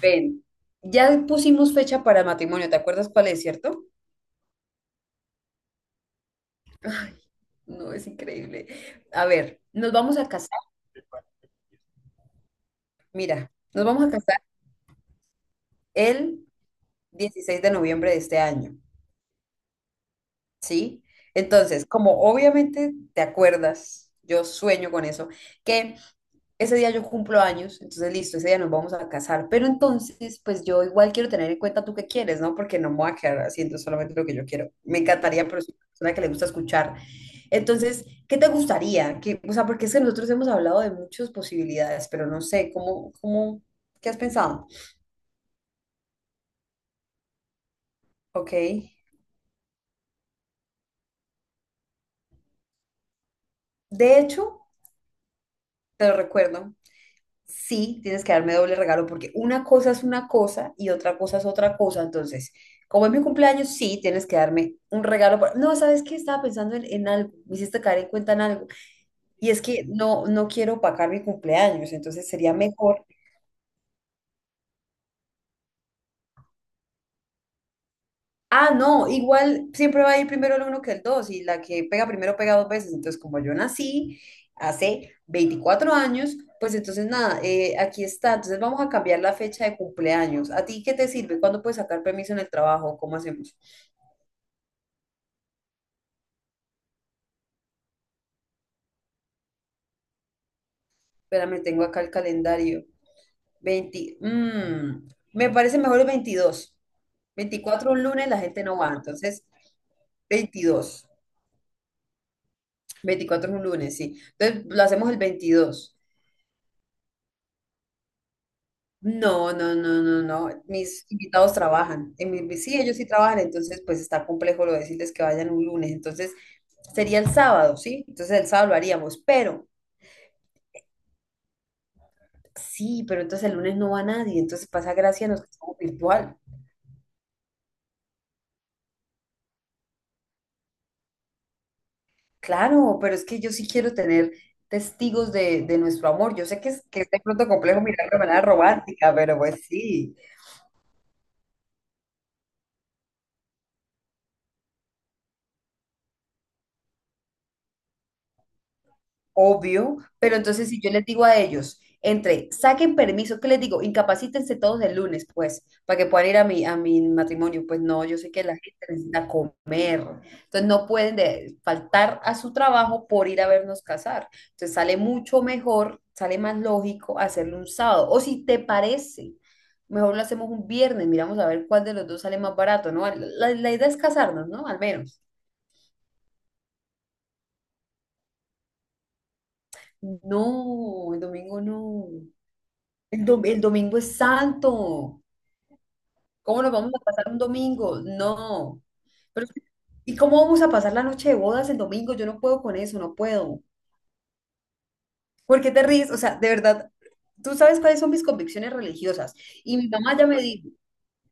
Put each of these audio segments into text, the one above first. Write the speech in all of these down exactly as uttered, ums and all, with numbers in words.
Ven, ya pusimos fecha para matrimonio, ¿te acuerdas cuál es, cierto? Ay, no, es increíble. A ver, nos vamos a casar, mira, nos vamos a casar el dieciséis de noviembre de este año, ¿sí? Entonces, como obviamente te acuerdas, yo sueño con eso, que ese día yo cumplo años, entonces listo, ese día nos vamos a casar, pero entonces pues yo igual quiero tener en cuenta tú qué quieres, ¿no? Porque no me voy a quedar haciendo solamente lo que yo quiero. Me encantaría, pero soy una persona que le gusta escuchar. Entonces, ¿qué te gustaría? ¿Qué- o sea, porque es que nosotros hemos hablado de muchas posibilidades, pero no sé, ¿cómo, cómo, qué has pensado? Ok. De hecho, te lo recuerdo, sí tienes que darme doble regalo porque una cosa es una cosa y otra cosa es otra cosa. Entonces, como es mi cumpleaños, sí tienes que darme un regalo. Por- no, ¿sabes qué? Estaba pensando en, en algo, me hiciste caer en cuenta en algo. Y es que no, no quiero opacar mi cumpleaños, entonces sería mejor. Ah, no, igual siempre va a ir primero el uno que el dos y la que pega primero pega dos veces. Entonces, como yo nací hace veinticuatro años, pues entonces nada, eh, aquí está. Entonces vamos a cambiar la fecha de cumpleaños. ¿A ti qué te sirve? ¿Cuándo puedes sacar permiso en el trabajo? ¿Cómo hacemos? Espérame, tengo acá el calendario. veinte, mm, me parece mejor el veintidós. veinticuatro un lunes, la gente no va. Entonces, veintidós, veinticuatro es un lunes, sí. Entonces, lo hacemos el veintidós. No, no, no, no, no. Mis invitados trabajan. En mi, sí, ellos sí trabajan, entonces pues está complejo lo de decirles que vayan un lunes. Entonces sería el sábado, ¿sí? Entonces el sábado lo haríamos, pero sí, pero entonces el lunes no va nadie, entonces pasa gracia a los que estamos virtual. Claro, pero es que yo sí quiero tener testigos de, de nuestro amor. Yo sé que es, que es de pronto complejo mirarlo de manera romántica, pero pues sí. Obvio, pero entonces si yo les digo a ellos, entre, saquen permiso, ¿qué les digo? Incapacítense todos el lunes, pues, para que puedan ir a mi, a mi matrimonio. Pues no, yo sé que la gente necesita comer, entonces no pueden de- faltar a su trabajo por ir a vernos casar. Entonces sale mucho mejor, sale más lógico hacerlo un sábado. O si te parece, mejor lo hacemos un viernes, miramos a ver cuál de los dos sale más barato, ¿no? La, la idea es casarnos, ¿no? Al menos. No, el domingo no. El, dom- el domingo es santo. ¿Cómo nos vamos a pasar un domingo? No. Pero, ¿y cómo vamos a pasar la noche de bodas el domingo? Yo no puedo con eso, no puedo. ¿Por qué te ríes? O sea, de verdad, tú sabes cuáles son mis convicciones religiosas. Y mi mamá ya me dijo,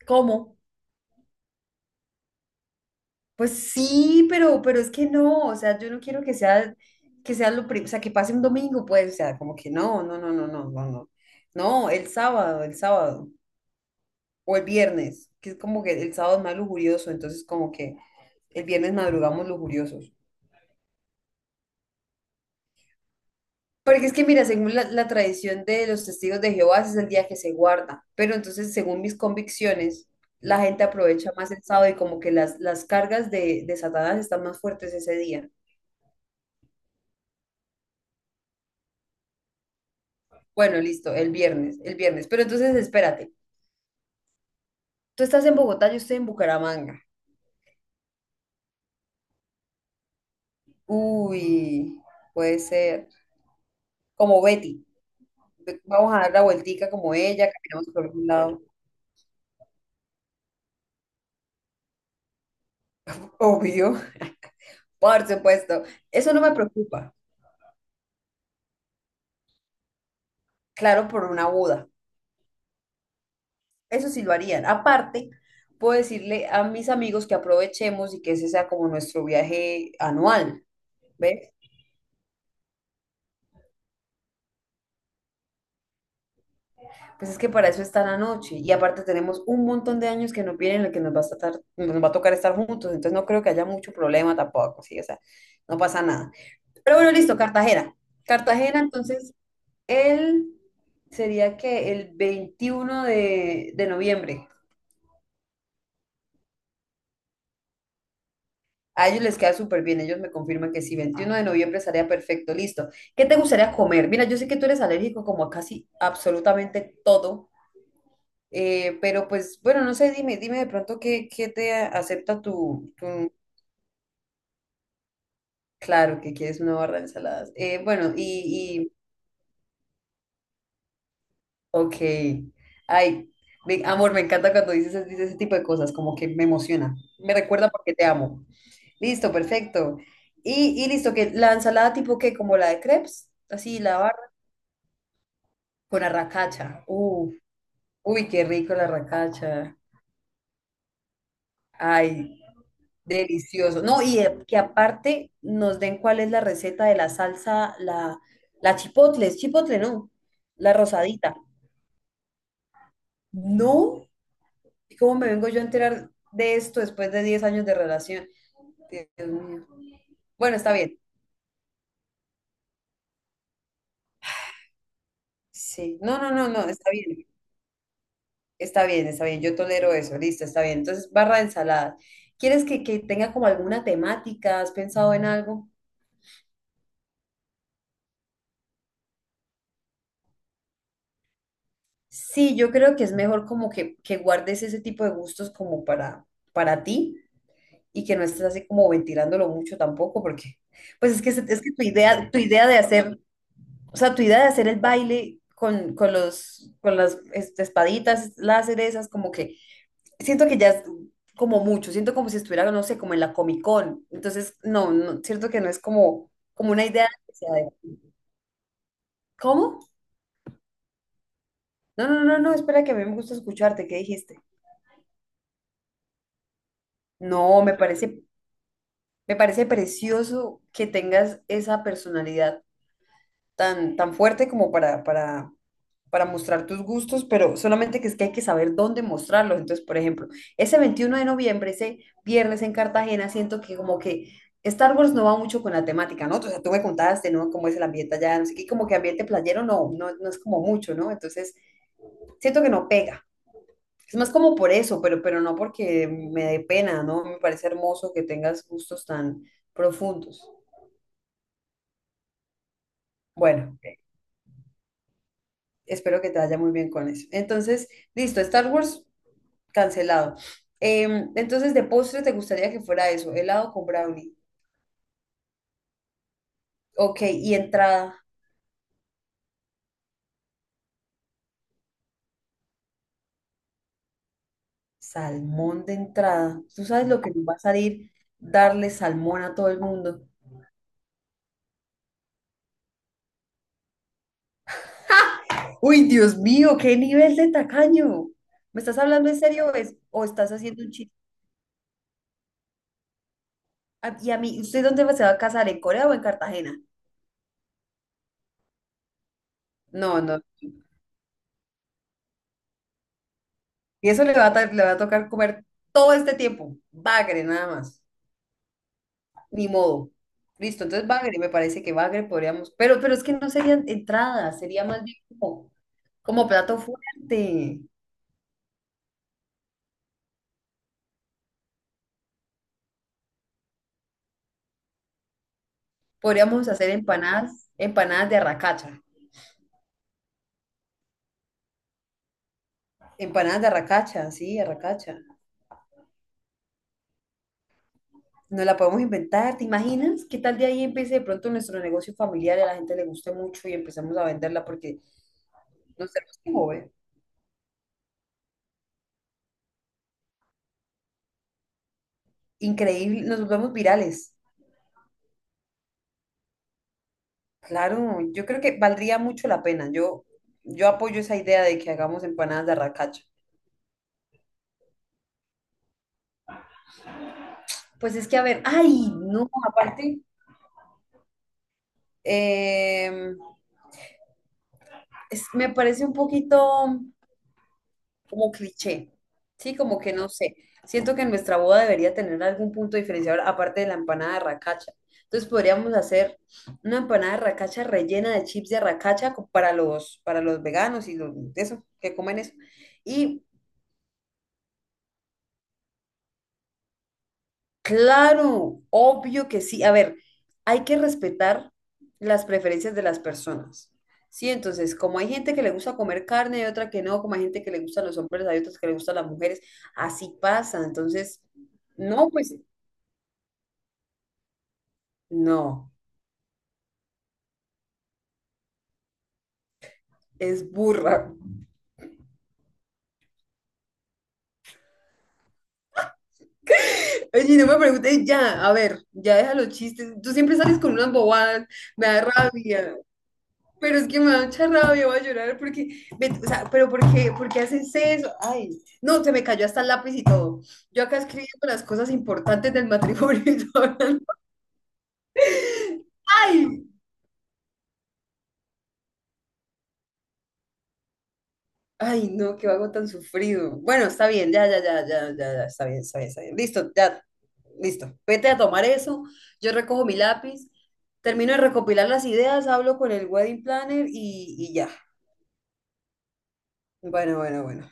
¿cómo? Pues sí, pero, pero es que no. O sea, yo no quiero que sea, que sea lo primero, o sea, que pase un domingo, pues, o sea, como que no, no, no, no, no, no, no. No, el sábado, el sábado. O el viernes, que es como que el sábado es más lujurioso, entonces como que... El viernes madrugamos lujuriosos. Porque es que, mira, según la, la tradición de los testigos de Jehová, ese es el día que se guarda. Pero entonces, según mis convicciones, la gente aprovecha más el sábado y como que las, las cargas de, de Satanás están más fuertes ese día. Bueno, listo, el viernes, el viernes. Pero entonces, espérate. Tú estás en Bogotá, yo estoy en Bucaramanga. Uy, puede ser. Como Betty. Ve- vamos a dar la vueltica como ella, caminamos por algún lado. Obvio. Por supuesto. Eso no me preocupa. Claro, por una boda. Eso sí lo harían. Aparte, puedo decirle a mis amigos que aprovechemos y que ese sea como nuestro viaje anual. ¿Ves? Pues es que para eso está la noche. Y aparte tenemos un montón de años que no vienen, en el que nos va a estar- nos va a tocar estar juntos. Entonces no creo que haya mucho problema tampoco, sí, o sea, no pasa nada. Pero bueno, listo, Cartagena. Cartagena, entonces, él sería que el veintiuno de, de noviembre. A ellos les queda súper bien, ellos me confirman que sí, veintiuno de noviembre estaría perfecto, listo. ¿Qué te gustaría comer? Mira, yo sé que tú eres alérgico como a casi absolutamente todo, eh, pero pues bueno, no sé, dime, dime de pronto qué, qué te acepta tu, tu- claro que quieres una barra de ensaladas. Eh, bueno, y, y, ok. Ay, ve- amor, me encanta cuando dices, dices ese tipo de cosas, como que me emociona, me recuerda porque te amo. Listo, perfecto. Y, y listo, que la ensalada tipo qué, como la de crepes, así la barra. Con arracacha. Uh, uy, qué rico la arracacha. Ay, delicioso. No, y de- que aparte nos den cuál es la receta de la salsa, la, la chipotle, es chipotle, ¿no? La rosadita. No, ¿y cómo me vengo yo a enterar de esto después de diez años de relación? Dios mío. Bueno, está bien. Sí, no, no, no, no, está bien. Está bien, está bien, yo tolero eso, listo, está bien. Entonces, barra de ensaladas. ¿Quieres que, que tenga como alguna temática? ¿Has pensado en algo? Sí, yo creo que es mejor como que, que guardes ese tipo de gustos como para, para ti y que no estés así como ventilándolo mucho tampoco, porque pues es que, se- es que tu idea, tu idea de hacer, o sea, tu idea de hacer el baile con, con los, con las este, espaditas, láseres, esas como que siento que ya es como mucho, siento como si estuviera, no sé, como en la Comic Con, entonces no, no, siento que no es como, como una idea que sea de- ¿cómo? No, no, no, no, espera que a mí me gusta escucharte, ¿qué dijiste? No, me parece. Me parece precioso que tengas esa personalidad tan, tan fuerte como para, para, para mostrar tus gustos, pero solamente que es que hay que saber dónde mostrarlos. Entonces, por ejemplo, ese veintiuno de noviembre, ese viernes en Cartagena, siento que como que Star Wars no va mucho con la temática, ¿no? O sea, tú me contaste, ¿no? Cómo es el ambiente allá, no sé qué, como que ambiente playero no, no, no es como mucho, ¿no? Entonces, siento que no pega. Es más como por eso, pero, pero no porque me dé pena, ¿no? Me parece hermoso que tengas gustos tan profundos. Bueno, ok. Espero que te vaya muy bien con eso. Entonces, listo, Star Wars cancelado. Em, entonces, de postre te gustaría que fuera eso, helado con brownie. Ok, y entrada, salmón de entrada. ¿Tú sabes lo que nos va a salir darle salmón a todo el mundo? Uy, Dios mío, qué nivel de tacaño. ¿Me estás hablando en serio o, es- o estás haciendo un chiste? Ah, y a mí, ¿usted dónde se va a casar? ¿En Corea o en Cartagena? No, no. Y eso le va a, ta- le va a tocar comer todo este tiempo. Bagre, nada más. Ni modo. Listo, entonces bagre, me parece que bagre podríamos, pero, pero es que no serían entradas, sería más bien como, como plato fuerte. Podríamos hacer empanadas, empanadas de arracacha, empanadas de arracacha, sí, arracacha. Nos la podemos inventar, ¿te imaginas? ¿Qué tal de ahí empiece de pronto nuestro negocio familiar y a la gente le guste mucho y empezamos a venderla porque nos tenemos que mover? Increíble, nos volvemos virales. Claro, yo creo que valdría mucho la pena. Yo, yo apoyo esa idea de que hagamos empanadas de arracacha. Pues es que, a ver, ay, no, aparte, eh, es- me parece un poquito como cliché, ¿sí? Como que no sé. Siento que nuestra boda debería tener algún punto diferenciador aparte de la empanada de racacha. Entonces podríamos hacer una empanada de racacha rellena de chips de racacha para los, para los veganos y los, de eso, que comen eso. Y claro, obvio que sí. A ver, hay que respetar las preferencias de las personas. Sí, entonces, como hay gente que le gusta comer carne, hay otra que no, como hay gente que le gustan los hombres, hay otras que le gustan las mujeres, así pasa. Entonces, no, pues no, es burra. Oye, no me preguntes ya, a ver, ya deja los chistes. Tú siempre sales con unas bobadas, me da rabia. Pero es que me da mucha rabia, voy a llorar porque, ve- o sea, pero ¿por qué, por qué haces eso? Ay, no, se me cayó hasta el lápiz y todo. Yo acá escribiendo las cosas importantes del matrimonio y todo. Ay, ay, no, qué vago tan sufrido. Bueno, está bien, ya, ya, ya, ya, ya, ya, está bien, está bien, está bien. Listo, ya, listo. Vete a tomar eso, yo recojo mi lápiz, termino de recopilar las ideas, hablo con el wedding planner y, y ya. Bueno, bueno, bueno.